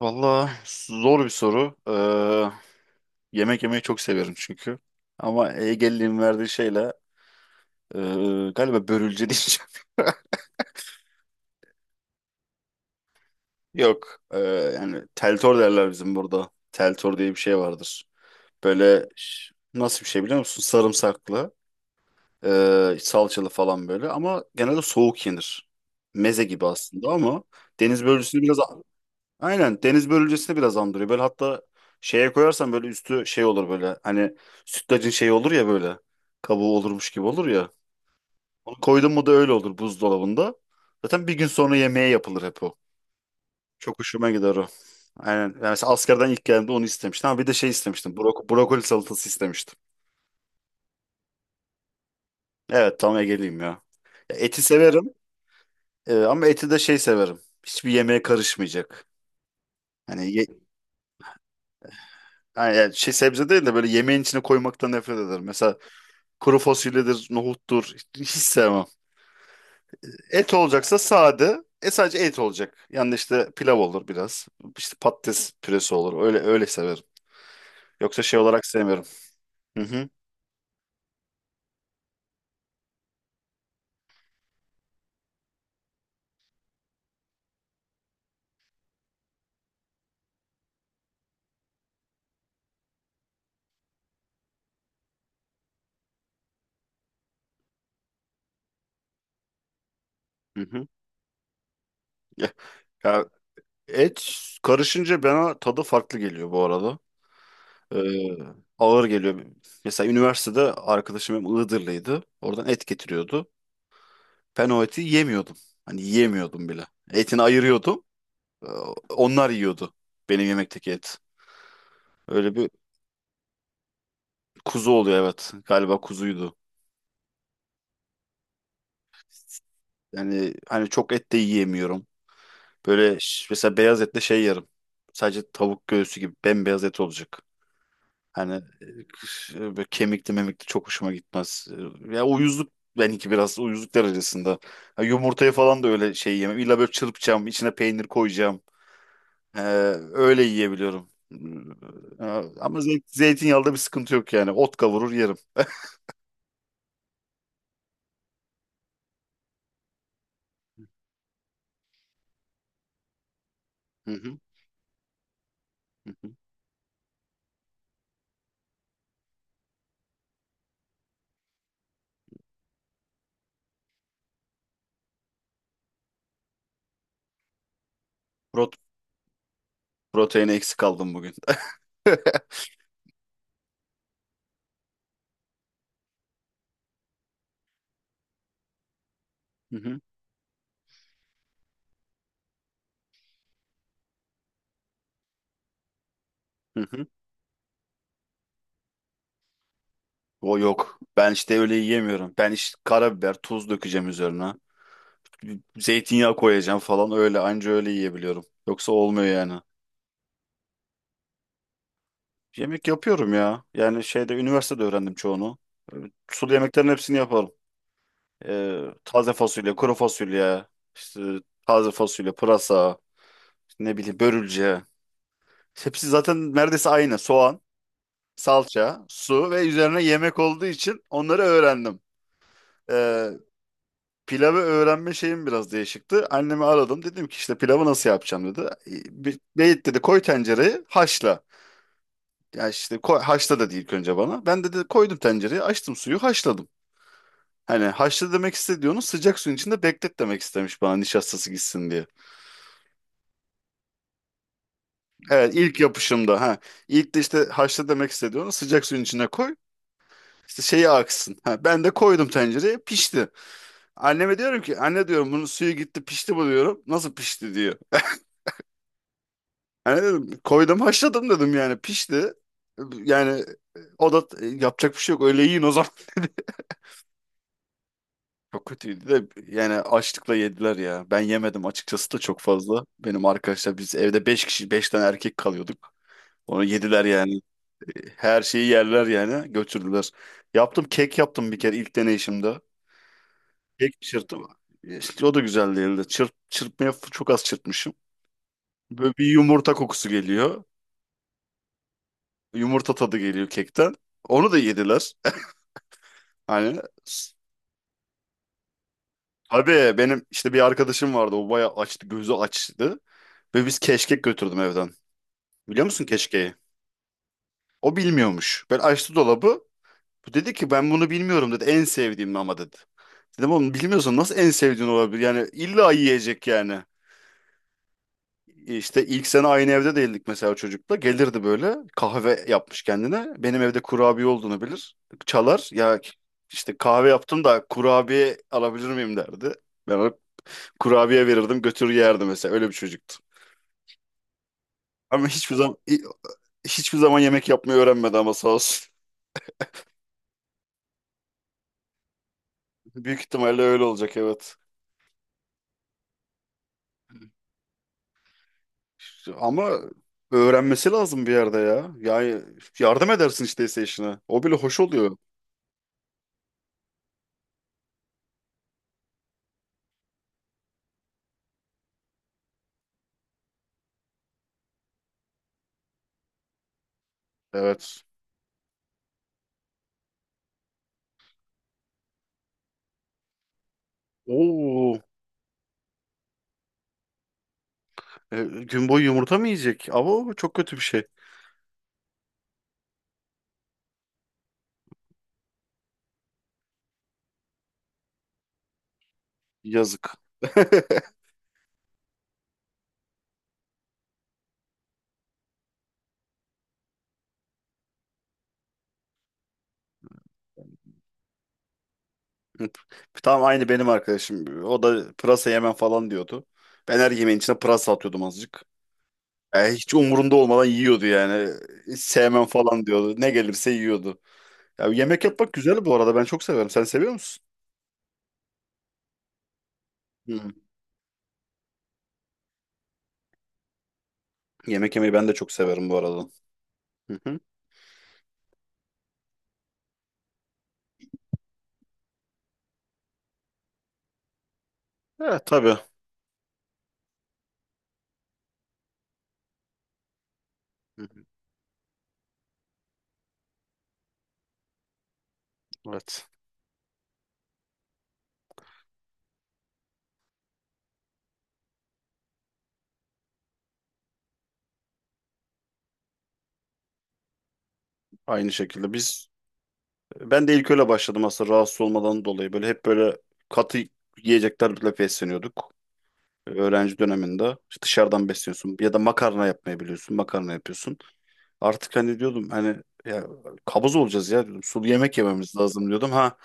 Valla zor bir soru. Yemek yemeyi çok severim çünkü. Ama Ege'liğin verdiği şeyle galiba börülce diyeceğim. Yok. Yani teltor derler bizim burada. Teltor diye bir şey vardır. Böyle nasıl bir şey biliyor musun? Sarımsaklı, salçalı falan böyle. Ama genelde soğuk yenir. Meze gibi aslında ama deniz börülcüsünü biraz. Aynen deniz börülcesini biraz andırıyor. Böyle hatta şeye koyarsan böyle üstü şey olur böyle. Hani sütlacın şeyi olur ya böyle. Kabuğu olurmuş gibi olur ya. Onu koydun mu da öyle olur buzdolabında. Zaten bir gün sonra yemeğe yapılır hep o. Çok hoşuma gider o. Aynen. Yani mesela askerden ilk geldiğimde onu istemiştim ama bir de şey istemiştim. Brokoli salatası istemiştim. Evet, tam Ege'liyim ya. Ya eti severim, ama eti de şey severim. Hiçbir yemeğe karışmayacak. Hani, ye- hani yani şey sebze değil de böyle yemeğin içine koymaktan nefret ederim. Mesela kuru fasulyedir, nohuttur. Hiç sevmem. Et olacaksa sade. Sadece et olacak. Yani işte pilav olur biraz. İşte patates püresi olur. Öyle öyle severim. Yoksa şey olarak sevmiyorum. Hı hı. Hı hı. Ya, ya et karışınca bana tadı farklı geliyor bu arada. Ee, Ağır geliyor. Mesela üniversitede arkadaşım hem Iğdırlıydı. Oradan et getiriyordu. Ben o eti yemiyordum. Hani yemiyordum bile. Etini ayırıyordum. Ee, Onlar yiyordu benim yemekteki et. Öyle bir. Kuzu oluyor, evet. Galiba kuzuydu. Yani hani çok et de yiyemiyorum. Böyle mesela beyaz etle şey yerim. Sadece tavuk göğsü gibi bembeyaz et olacak. Hani böyle kemikli memikli çok hoşuma gitmez. Ya, uyuzluk benimki biraz uyuzluk derecesinde. Ha, yumurtayı falan da öyle şey yemem. İlla böyle çırpacağım, içine peynir koyacağım. E, Öyle yiyebiliyorum. E, Ama zeytinyağında bir sıkıntı yok yani. Ot kavurur yerim. Hı hı, hı hı. Prot- Proteini eksik kaldım bugün. Hı hı, hı hı. O yok. Ben işte öyle yiyemiyorum. Ben işte karabiber, tuz dökeceğim üzerine. Zeytinyağı koyacağım falan, öyle anca öyle yiyebiliyorum. Yoksa olmuyor yani. Yemek yapıyorum ya. Yani şeyde üniversitede öğrendim çoğunu. Ee, Sulu yemeklerin hepsini yaparım. Taze fasulye, kuru fasulye, işte taze fasulye, pırasa, işte ne bileyim, börülce. Hepsi zaten neredeyse aynı. Soğan, salça, su ve üzerine yemek olduğu için onları öğrendim. Ee, Pilavı öğrenme şeyim biraz değişikti. Annemi aradım. Dedim ki işte pilavı nasıl yapacağım, dedi. Beyit, dedi, koy tencereyi haşla. Ya, işte koy, haşla dedi ilk önce bana. Ben de, dedi, koydum tencereyi, açtım suyu, haşladım. Hani haşla demek istediğini sıcak suyun içinde beklet demek istemiş bana, nişastası gitsin diye. Evet, ilk yapışımda ha. İlk de işte haşla demek istediğini sıcak suyun içine koy. İşte şeyi aksın. Ha, ben de koydum tencereye, pişti. Anneme diyorum ki, anne diyorum, bunun suyu gitti pişti bu diyorum. Nasıl pişti diyor. Hani dedim koydum haşladım dedim, yani pişti. Yani o da yapacak bir şey yok, öyle yiyin o zaman dedi. Çok kötüydü de yani açlıkla yediler ya. Ben yemedim açıkçası da çok fazla. Benim arkadaşlar, biz evde 5 kişi 5 tane erkek kalıyorduk. Onu yediler yani. Her şeyi yerler yani, götürdüler. Yaptım, kek yaptım bir kere ilk deneyişimde. Kek çırptım. İşte o da güzel değildi. Çok az çırpmışım. Böyle bir yumurta kokusu geliyor. Yumurta tadı geliyor kekten. Onu da yediler. Hani s- tabii benim işte bir arkadaşım vardı. O bayağı açtı, gözü açtı. Ve biz keşkek götürdüm evden. Biliyor musun keşkeği? O bilmiyormuş. Ben açtı dolabı. Bu dedi ki, ben bunu bilmiyorum dedi. En sevdiğim ama dedi. Dedim oğlum bilmiyorsan nasıl en sevdiğin olabilir? Yani illa yiyecek yani. İşte ilk sene aynı evde değildik mesela çocukla. Gelirdi böyle kahve yapmış kendine. Benim evde kurabiye olduğunu bilir. Çalar ya, işte kahve yaptım da kurabiye alabilir miyim derdi. Ben ona kurabiye verirdim, götürür yerdi mesela. Öyle bir çocuktu. Ama hiçbir zaman yemek yapmayı öğrenmedi ama sağ olsun. Büyük ihtimalle öyle olacak, evet. Ama öğrenmesi lazım bir yerde ya. Yani yardım edersin işte ise işine. O bile hoş oluyor. Evet. Oo, gün boyu yumurta mı yiyecek? Ama o çok kötü bir şey. Yazık. Tam aynı benim arkadaşım. O da pırasa yemem falan diyordu. Ben her yemeğin içine pırasa atıyordum azıcık. Ya, hiç umurunda olmadan yiyordu yani. Hiç sevmem falan diyordu. Ne gelirse yiyordu. Ya, yemek yapmak güzel bu arada. Ben çok severim. Sen seviyor musun? Hı. Yemek yemeyi ben de çok severim bu arada. Hı hı. Evet tabii. Hı hı. Evet. Aynı şekilde ben de ilk öyle başladım aslında, rahatsız olmadan dolayı. Böyle hep böyle katı yiyeceklerle besleniyorduk. Öğrenci döneminde İşte dışarıdan besliyorsun ya da makarna yapmayı biliyorsun. Makarna yapıyorsun. Artık hani diyordum, hani ya kabız olacağız ya diyordum. Sulu yemek yememiz lazım diyordum. Ha,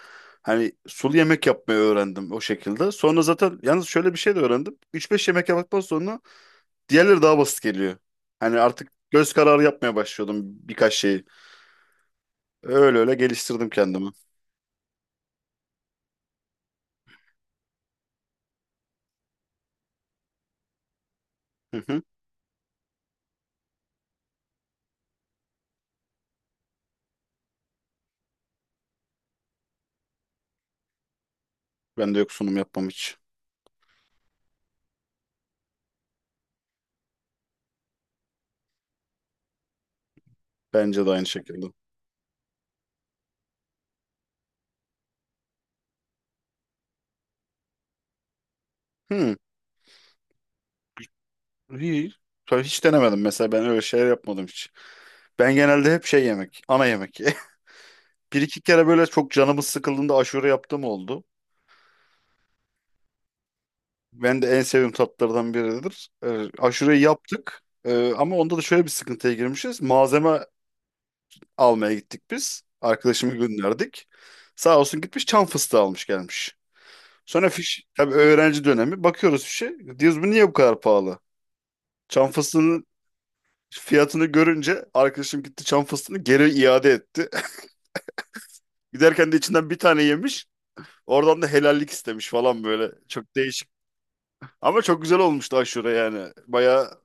hani sulu yemek yapmayı öğrendim o şekilde. Sonra zaten yalnız şöyle bir şey de öğrendim. Beş yemek yaptıktan sonra diğerleri daha basit geliyor. Hani artık göz kararı yapmaya başlıyordum birkaç şeyi. Öyle öyle geliştirdim kendimi. Hı hı. Ben de yok, sunum yapmam hiç. Bence de aynı şekilde. Hı. İyi. Tabii hiç denemedim, mesela ben öyle şeyler yapmadım hiç. Ben genelde hep şey yemek, ana yemek. Bir iki kere böyle çok canımız sıkıldığında aşure yaptığım oldu. Ben de en sevdiğim tatlardan biridir. Aşureyi yaptık. Ama onda da şöyle bir sıkıntıya girmişiz. Malzeme almaya gittik biz. Arkadaşımı gönderdik. Sağ olsun gitmiş çam fıstığı almış gelmiş. Sonra fiş, tabii öğrenci dönemi. Bakıyoruz fişe. Diyoruz, bu niye bu kadar pahalı? Çam fıstığının fiyatını görünce arkadaşım gitti çam fıstığını geri iade etti. Giderken de içinden bir tane yemiş. Oradan da helallik istemiş falan böyle. Çok değişik. Ama çok güzel olmuştu aşure yani. Bayağı.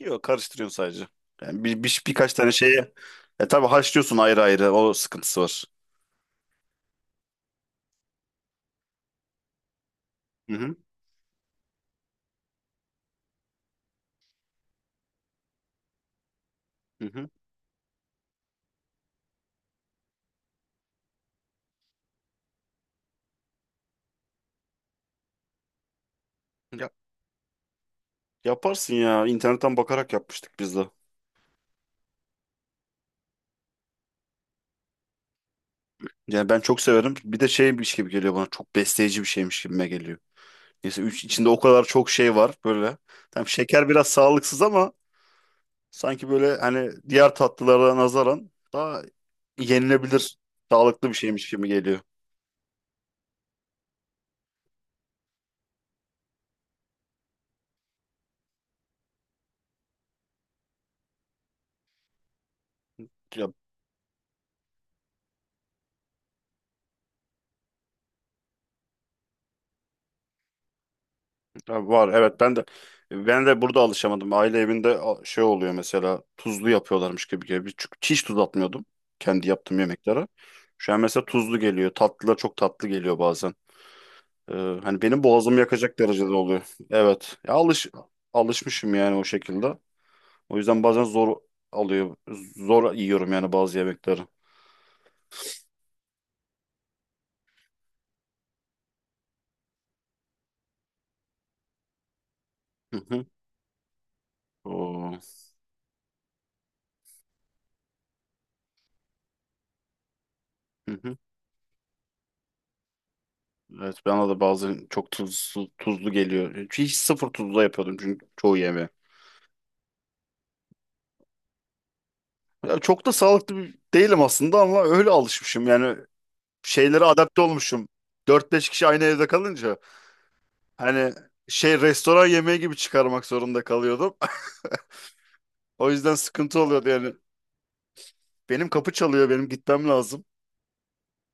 Yok, karıştırıyorsun sadece. Yani birkaç tane şeye tabii haşlıyorsun ayrı ayrı, o sıkıntısı var. Hı hı. Hı hı. Ya- Yaparsın ya. İnternetten bakarak yapmıştık biz de. Yani ben çok severim. Bir de şeymiş gibi geliyor bana. Çok besleyici bir şeymiş gibime geliyor. Neyse, üç, içinde o kadar çok şey var böyle. Tam şeker biraz sağlıksız ama sanki böyle, hani diğer tatlılara nazaran daha yenilebilir, sağlıklı bir şeymiş gibi geliyor. Ya Ha, var evet, ben de burada alışamadım. Aile evinde şey oluyor, mesela tuzlu yapıyorlarmış gibi gibi. Çünkü hiç tuz atmıyordum kendi yaptığım yemeklere. Şu an mesela tuzlu geliyor. Tatlılar çok tatlı geliyor bazen. Ee, Hani benim boğazımı yakacak derecede oluyor. Evet. Ya, alışmışım yani o şekilde. O yüzden bazen zor alıyor. Zor yiyorum yani bazı yemekleri. Hı hı. Oo. Hı hı. Evet, bana da bazen çok tuzlu geliyor. Hiç sıfır tuzlu yapıyordum çünkü çoğu yemeği. Ya çok da sağlıklı değilim aslında ama öyle alışmışım. Yani şeylere adapte olmuşum. Dört beş kişi aynı evde kalınca hani şey, restoran yemeği gibi çıkarmak zorunda kalıyordum. O yüzden sıkıntı oluyordu yani. Benim kapı çalıyor, benim gitmem lazım.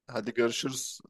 Hadi görüşürüz.